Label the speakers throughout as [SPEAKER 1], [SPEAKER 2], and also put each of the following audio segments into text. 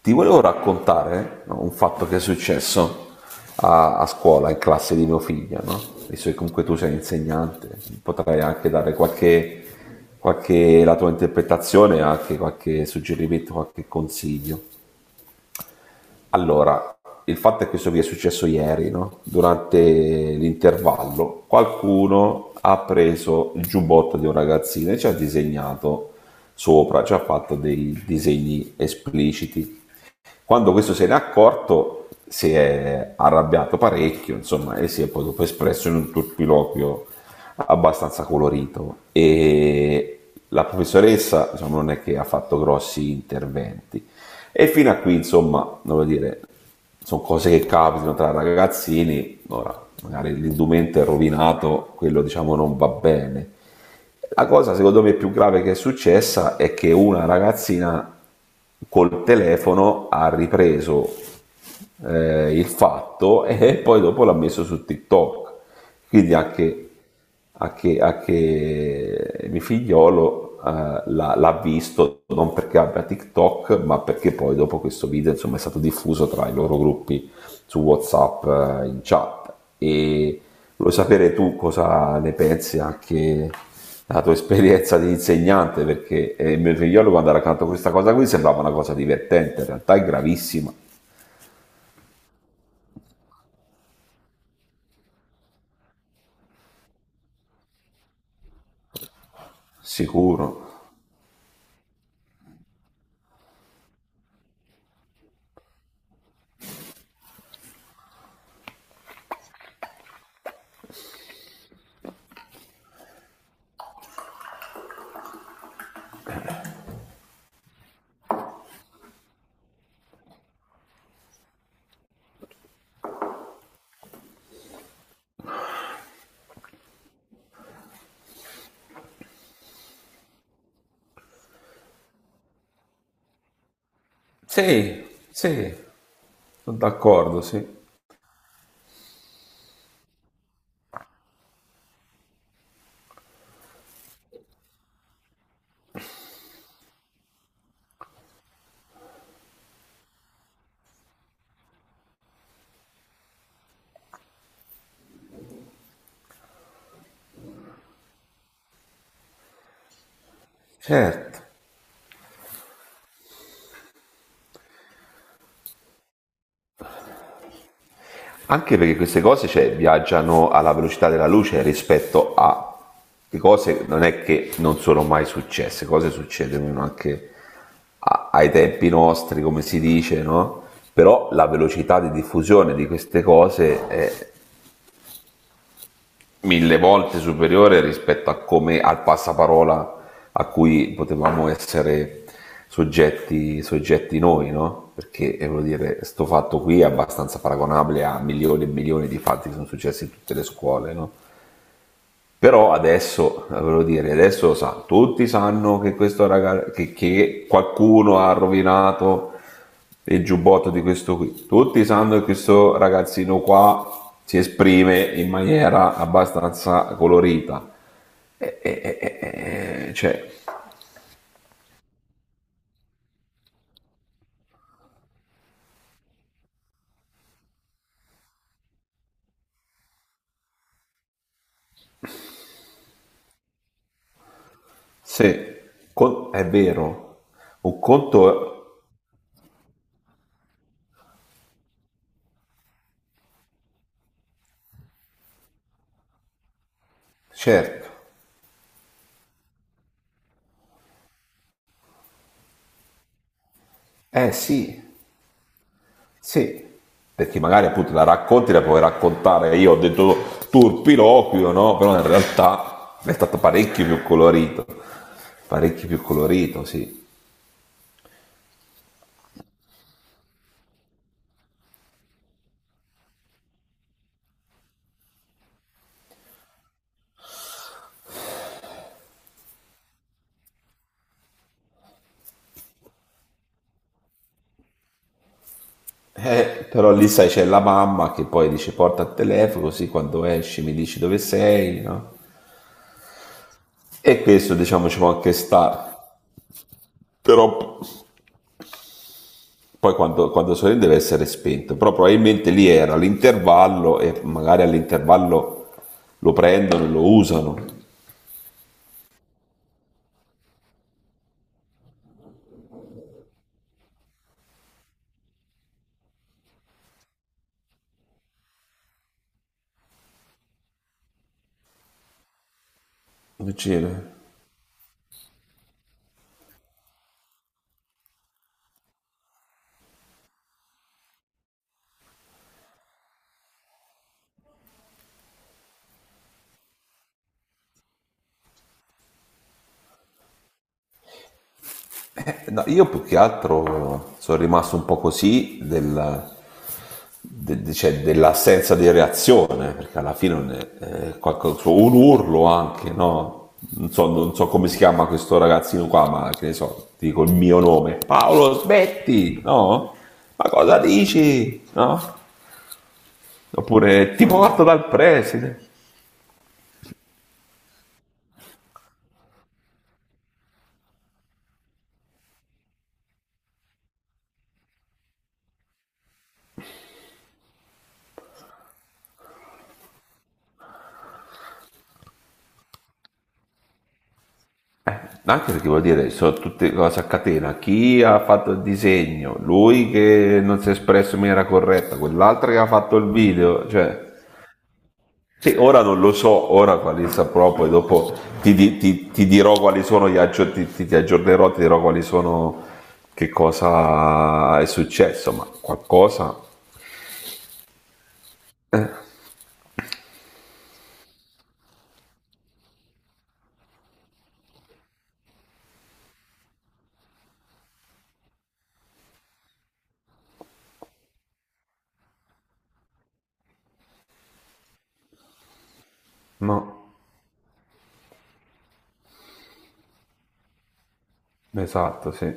[SPEAKER 1] Ti volevo raccontare, no, un fatto che è successo a scuola, in classe di mio figlio, no? Visto che comunque tu sei insegnante, potrai anche dare qualche, la tua interpretazione, anche qualche suggerimento, qualche consiglio. Allora, il fatto è che questo vi è successo ieri, no? Durante l'intervallo, qualcuno ha preso il giubbotto di un ragazzino e ci ha disegnato sopra, ci ha fatto dei disegni espliciti. Quando questo se n'è accorto si è arrabbiato parecchio, insomma, e si è poi dopo espresso in un turpiloquio abbastanza colorito. E la professoressa, insomma, non è che ha fatto grossi interventi. E fino a qui, insomma, devo dire, sono cose che capitano tra ragazzini. Ora, magari l'indumento è rovinato, quello diciamo non va bene. La cosa secondo me più grave che è successa è che una ragazzina col telefono ha ripreso il fatto e poi dopo l'ha messo su TikTok. Quindi anche, anche mio figliolo l'ha visto, non perché abbia TikTok, ma perché poi dopo questo video, insomma, è stato diffuso tra i loro gruppi su WhatsApp in chat. E, vuoi sapere tu cosa ne pensi anche dalla tua esperienza di insegnante? Perché il mio figliolo quando ha raccontato questa cosa qui sembrava una cosa divertente, in realtà è gravissima, sicuro. Sì, sì, sono d'accordo, sì. Certo. Anche perché queste cose, cioè, viaggiano alla velocità della luce rispetto a le cose non è che non sono mai successe, cose succedono anche ai tempi nostri, come si dice, no? Però la velocità di diffusione di queste cose è mille volte superiore rispetto a come, al passaparola a cui potevamo essere soggetti, soggetti noi, no? Perché voglio dire, sto fatto qui è abbastanza paragonabile a milioni e milioni di fatti che sono successi in tutte le scuole, no? Però adesso, volevo dire, adesso sa, tutti sanno che questo ragazzo, che qualcuno ha rovinato il giubbotto di questo qui. Tutti sanno che questo ragazzino qua si esprime in maniera abbastanza colorita. Cioè, se è vero, un conto, certo, eh sì, sì, perché magari appunto la racconti, la puoi raccontare, io ho detto turpiloquio, no? Però in realtà è stato parecchio più colorito, sì. Però lì sai c'è la mamma che poi dice porta il telefono così quando esci mi dici dove sei, no? E questo diciamo ci può anche stare, però poi quando, quando sorride deve essere spento, però probabilmente lì era l'intervallo e magari all'intervallo lo prendono e lo usano. Che c'era? No, io più che altro sono rimasto un po' così cioè, dell'assenza di reazione, perché alla fine non è- è qualcosa- so, un urlo anche, no? Non so, non so come si chiama questo ragazzino qua, ma che ne so, ti dico il mio nome. Paolo, smetti, no? Ma cosa dici? No? Oppure ti porto dal preside. Anche perché vuol dire, sono tutte cose a catena. Chi ha fatto il disegno, lui che non si è espresso in maniera corretta, quell'altro che ha fatto il video, cioè... Sì, ora non lo so, ora quali saprò, poi dopo ti dirò quali sono, gli aggio- ti- ti aggiornerò, ti dirò quali sono, che cosa è successo, ma qualcosa... eh, no, esatto, sì,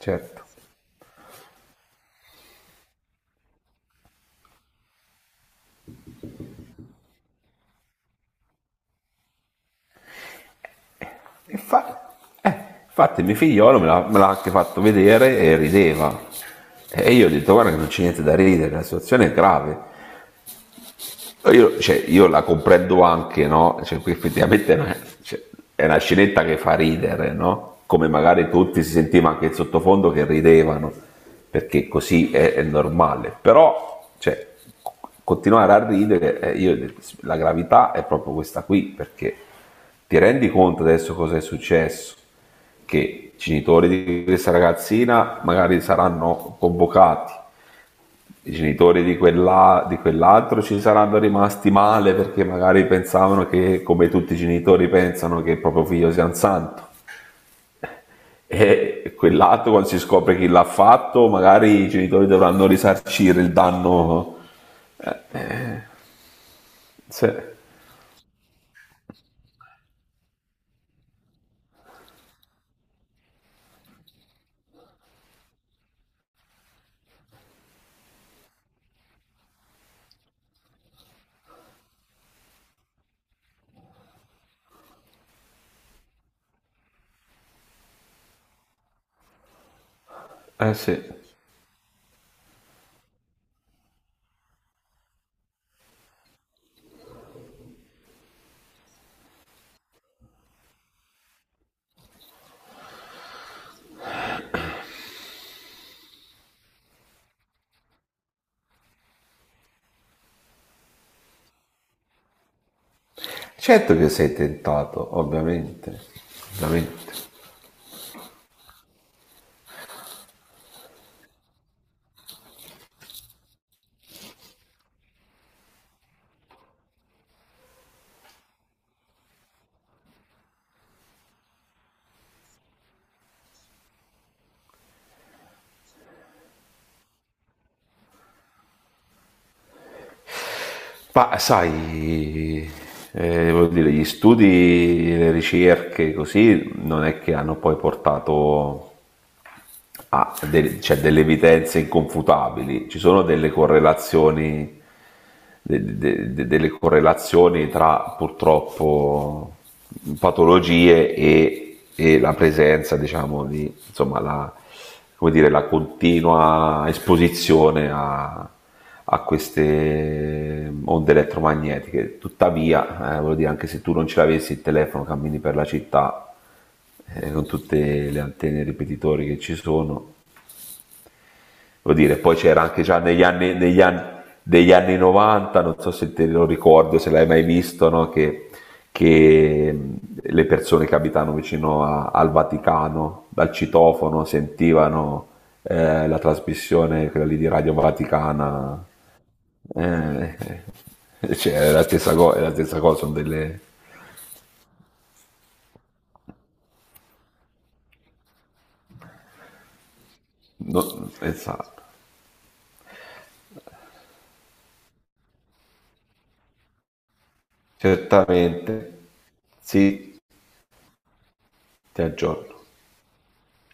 [SPEAKER 1] certo. Infa- eh, Infatti mio figliolo me l'ha anche fatto vedere e rideva. E io ho detto guarda che non c'è niente da ridere, la situazione è grave. Io, cioè, io la comprendo anche, no? Cioè, qui effettivamente è una, cioè, è una scenetta che fa ridere, no? Come magari tutti si sentiva anche in sottofondo che ridevano, perché così è normale. Però, cioè, continuare a ridere, la gravità è proprio questa qui, perché ti rendi conto adesso cosa è successo? Che i genitori di questa ragazzina magari saranno convocati, i genitori di, quella, di quell'altro ci saranno rimasti male perché magari pensavano che, come tutti i genitori pensano, che il proprio figlio sia un santo. E quell'altro, quando si scopre chi l'ha fatto, magari i genitori dovranno risarcire il danno. Eh, eh, sì, sì. Certo che sei tentato, ovviamente. Ovviamente. Ma sai, voglio dire, gli studi, le ricerche, così, non è che hanno poi portato cioè, delle evidenze inconfutabili, ci sono delle correlazioni, delle correlazioni tra purtroppo patologie e la presenza, diciamo, di, insomma, la, come dire, la continua esposizione a, a queste onde elettromagnetiche. Tuttavia, voglio dire, anche se tu non ce l'avessi il telefono, cammini per la città con tutte le antenne ripetitori che ci sono. Devo dire, poi c'era anche già negli anni, degli anni 90, non so se te lo ricordo, se l'hai mai visto, no? Che, che mh, le persone che abitano vicino al Vaticano, dal citofono, sentivano la trasmissione, quella lì di Radio Vaticana. Eh, cioè, è la stessa cosa, è la stessa cosa, sono delle... no, esatto, certamente. Sì, ti aggiorno